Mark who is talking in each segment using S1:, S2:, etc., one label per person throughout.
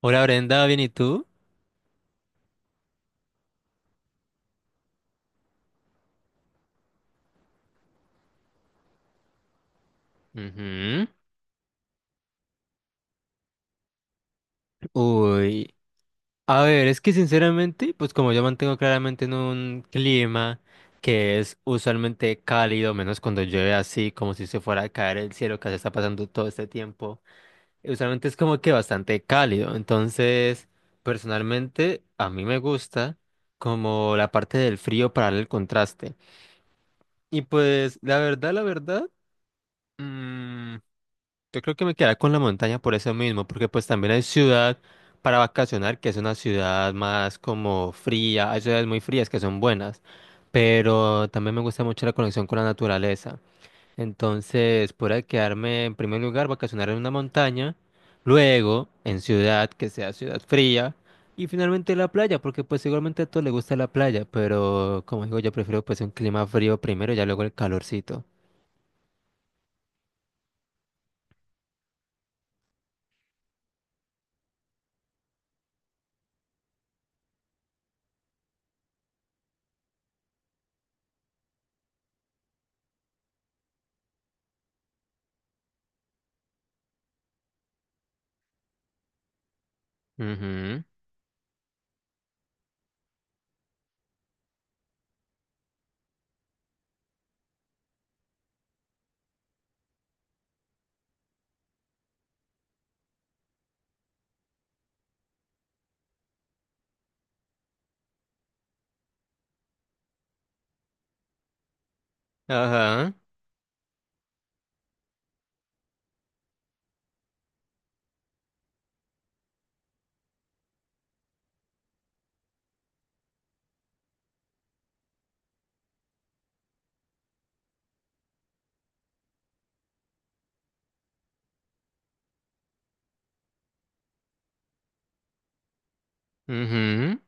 S1: Hola Brenda, ¿bien y tú? Ujú. Uy, a ver, es que sinceramente, pues como yo mantengo claramente en un clima que es usualmente cálido, menos cuando llueve así, como si se fuera a caer el cielo que se está pasando todo este tiempo, usualmente es como que bastante cálido. Entonces personalmente a mí me gusta como la parte del frío para darle el contraste. Y pues mm, yo creo que me quedaría con la montaña por eso mismo, porque pues también hay ciudad para vacacionar, que es una ciudad más como fría, hay ciudades muy frías que son buenas, pero también me gusta mucho la conexión con la naturaleza. Entonces, podría quedarme en primer lugar, vacacionar en una montaña, luego en ciudad, que sea ciudad fría, y finalmente la playa, porque pues igualmente a todos les gusta la playa, pero como digo, yo prefiero pues un clima frío primero y ya luego el calorcito. Ujú. Ajá. Ujú.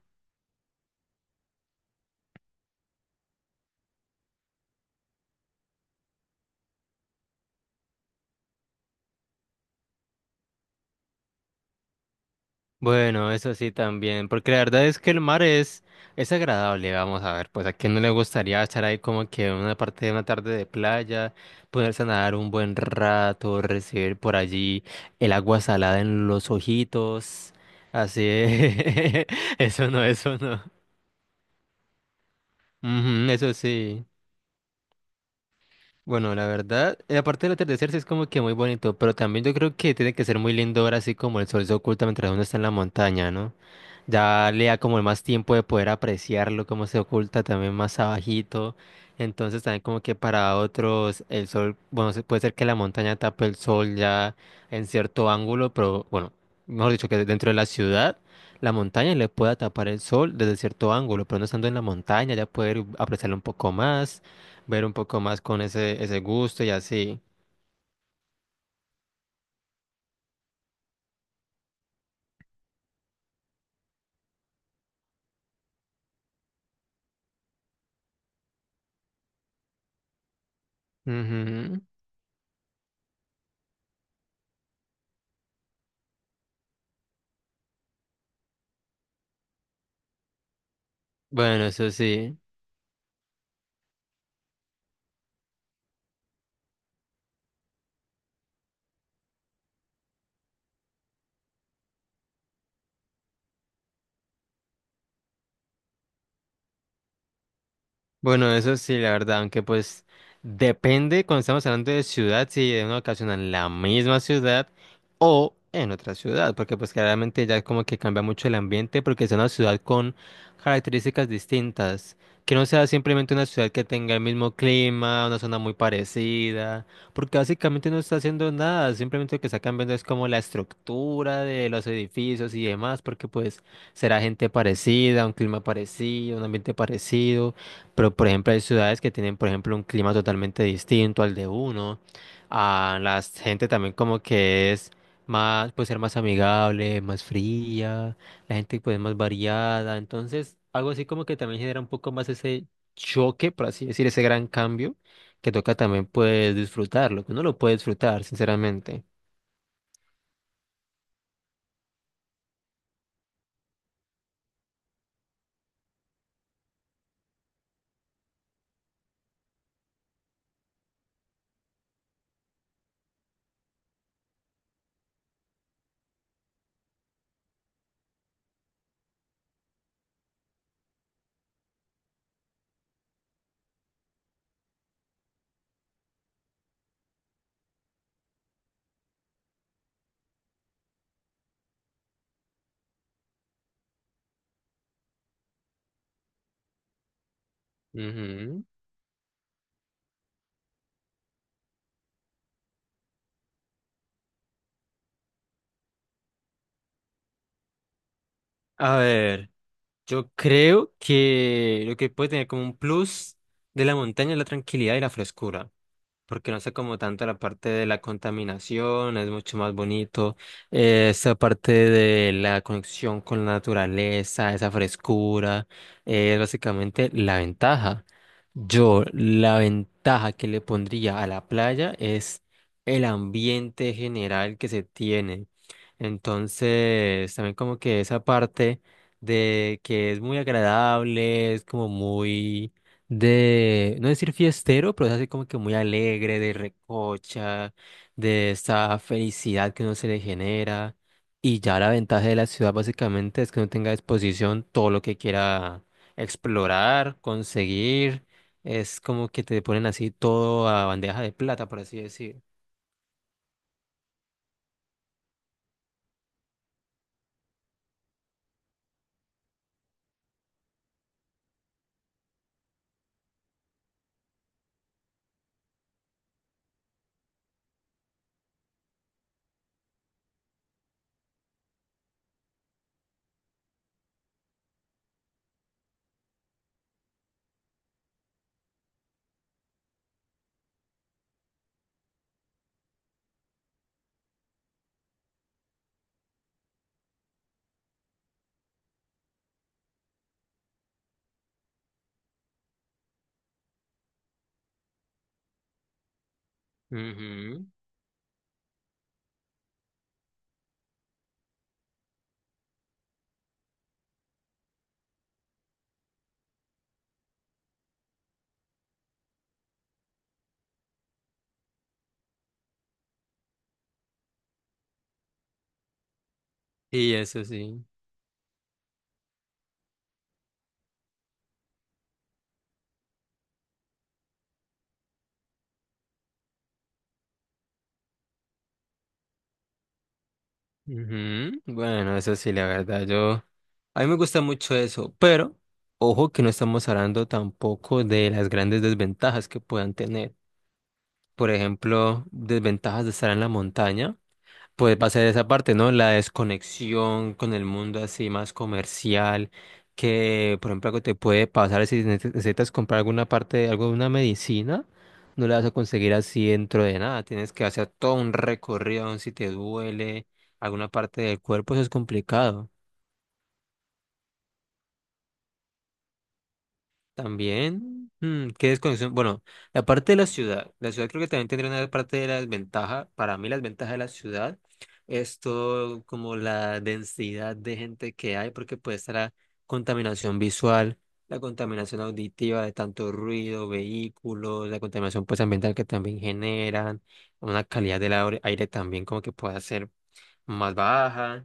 S1: Bueno, eso sí también, porque la verdad es que el mar es agradable, vamos a ver, pues a quién no le gustaría estar ahí como que una parte de una tarde de playa, ponerse a nadar un buen rato, recibir por allí el agua salada en los ojitos, así, eso no, eso no. Ujú, eso sí. Bueno, la verdad, aparte del atardecer sí es como que muy bonito, pero también yo creo que tiene que ser muy lindo ver así como el sol se oculta mientras uno está en la montaña, ¿no? Ya le da como más tiempo de poder apreciarlo, cómo se oculta también más abajito. Entonces también como que para otros el sol, bueno, puede ser que la montaña tape el sol ya en cierto ángulo, pero bueno, mejor dicho, que dentro de la ciudad la montaña le pueda tapar el sol desde cierto ángulo, pero no estando en la montaña ya poder apreciarlo un poco más, ver un poco más con ese gusto y así. Ujú. Bueno, eso sí. Bueno, eso sí, la verdad, aunque pues depende cuando estamos hablando de ciudad, si de una ocasión en la misma ciudad o en otra ciudad, porque pues claramente ya como que cambia mucho el ambiente porque es una ciudad con características distintas, que no sea simplemente una ciudad que tenga el mismo clima, una zona muy parecida, porque básicamente no está haciendo nada, simplemente lo que está cambiando es como la estructura de los edificios y demás, porque pues será gente parecida, un clima parecido, un ambiente parecido. Pero, por ejemplo, hay ciudades que tienen, por ejemplo, un clima totalmente distinto al de uno. A la gente también como que es más, puede ser más amigable, más fría, la gente pues más variada. Entonces, algo así como que también genera un poco más ese choque, por así decir, ese gran cambio que toca también pues disfrutarlo, que uno lo puede disfrutar, sinceramente. Ujú. A ver, yo creo que lo que puede tener como un plus de la montaña es la tranquilidad y la frescura, porque no sé como tanto la parte de la contaminación, es mucho más bonito, esa parte de la conexión con la naturaleza, esa frescura, es básicamente la ventaja. Yo la ventaja que le pondría a la playa es el ambiente general que se tiene. Entonces, también como que esa parte de que es muy agradable, es como muy de, no decir fiestero, pero es así como que muy alegre, de recocha, de esa felicidad que uno se le genera. Y ya la ventaja de la ciudad básicamente es que uno tenga a disposición todo lo que quiera explorar, conseguir. Es como que te ponen así todo a bandeja de plata, por así decir. Ujú. Y eso sí. Ujú. Bueno, eso sí, la verdad, yo... A mí me gusta mucho eso, pero ojo que no estamos hablando tampoco de las grandes desventajas que puedan tener. Por ejemplo, desventajas de estar en la montaña puede pasar esa parte, ¿no? La desconexión con el mundo así más comercial, que por ejemplo algo te puede pasar si necesitas comprar alguna parte, algo de una medicina, no la vas a conseguir así dentro de nada, tienes que hacer todo un recorrido, aun si te duele alguna parte del cuerpo, eso es complicado. También, qué desconexión. Bueno, la parte de la ciudad creo que también tendría una parte de la desventaja. Para mí, la desventaja de la ciudad es todo como la densidad de gente que hay, porque puede estar la contaminación visual, la contaminación auditiva de tanto ruido, vehículos, la contaminación pues ambiental que también generan, una calidad del aire también como que pueda ser más baja.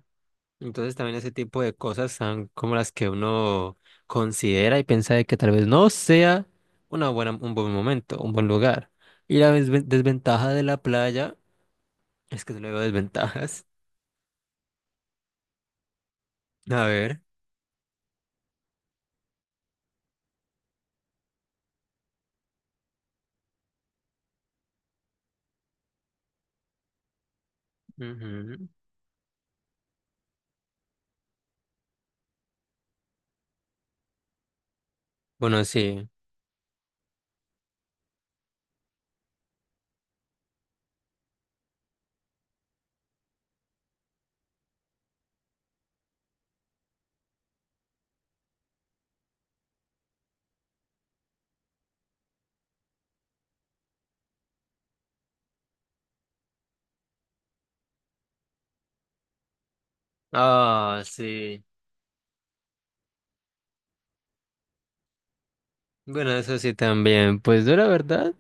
S1: Entonces también ese tipo de cosas son como las que uno considera y piensa de que tal vez no sea una buena, un buen momento, un buen lugar. Y la desventaja de la playa es que no le veo desventajas. A ver. Ujú. Bueno, sí. Ah, sí. Bueno, eso sí también. Pues yo la verdad.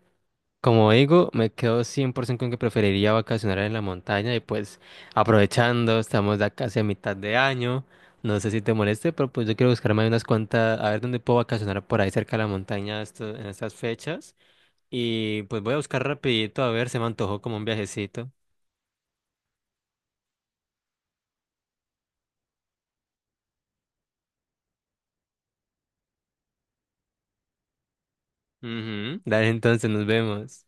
S1: Como digo, me quedo 100% con que preferiría vacacionar en la montaña y pues aprovechando, estamos ya casi a mitad de año, no sé si te moleste, pero pues yo quiero buscarme ahí unas cuantas, a ver dónde puedo vacacionar por ahí cerca de la montaña en estas fechas y pues voy a buscar rapidito, a ver, se me antojó como un viajecito. Ujú, dale, entonces nos vemos.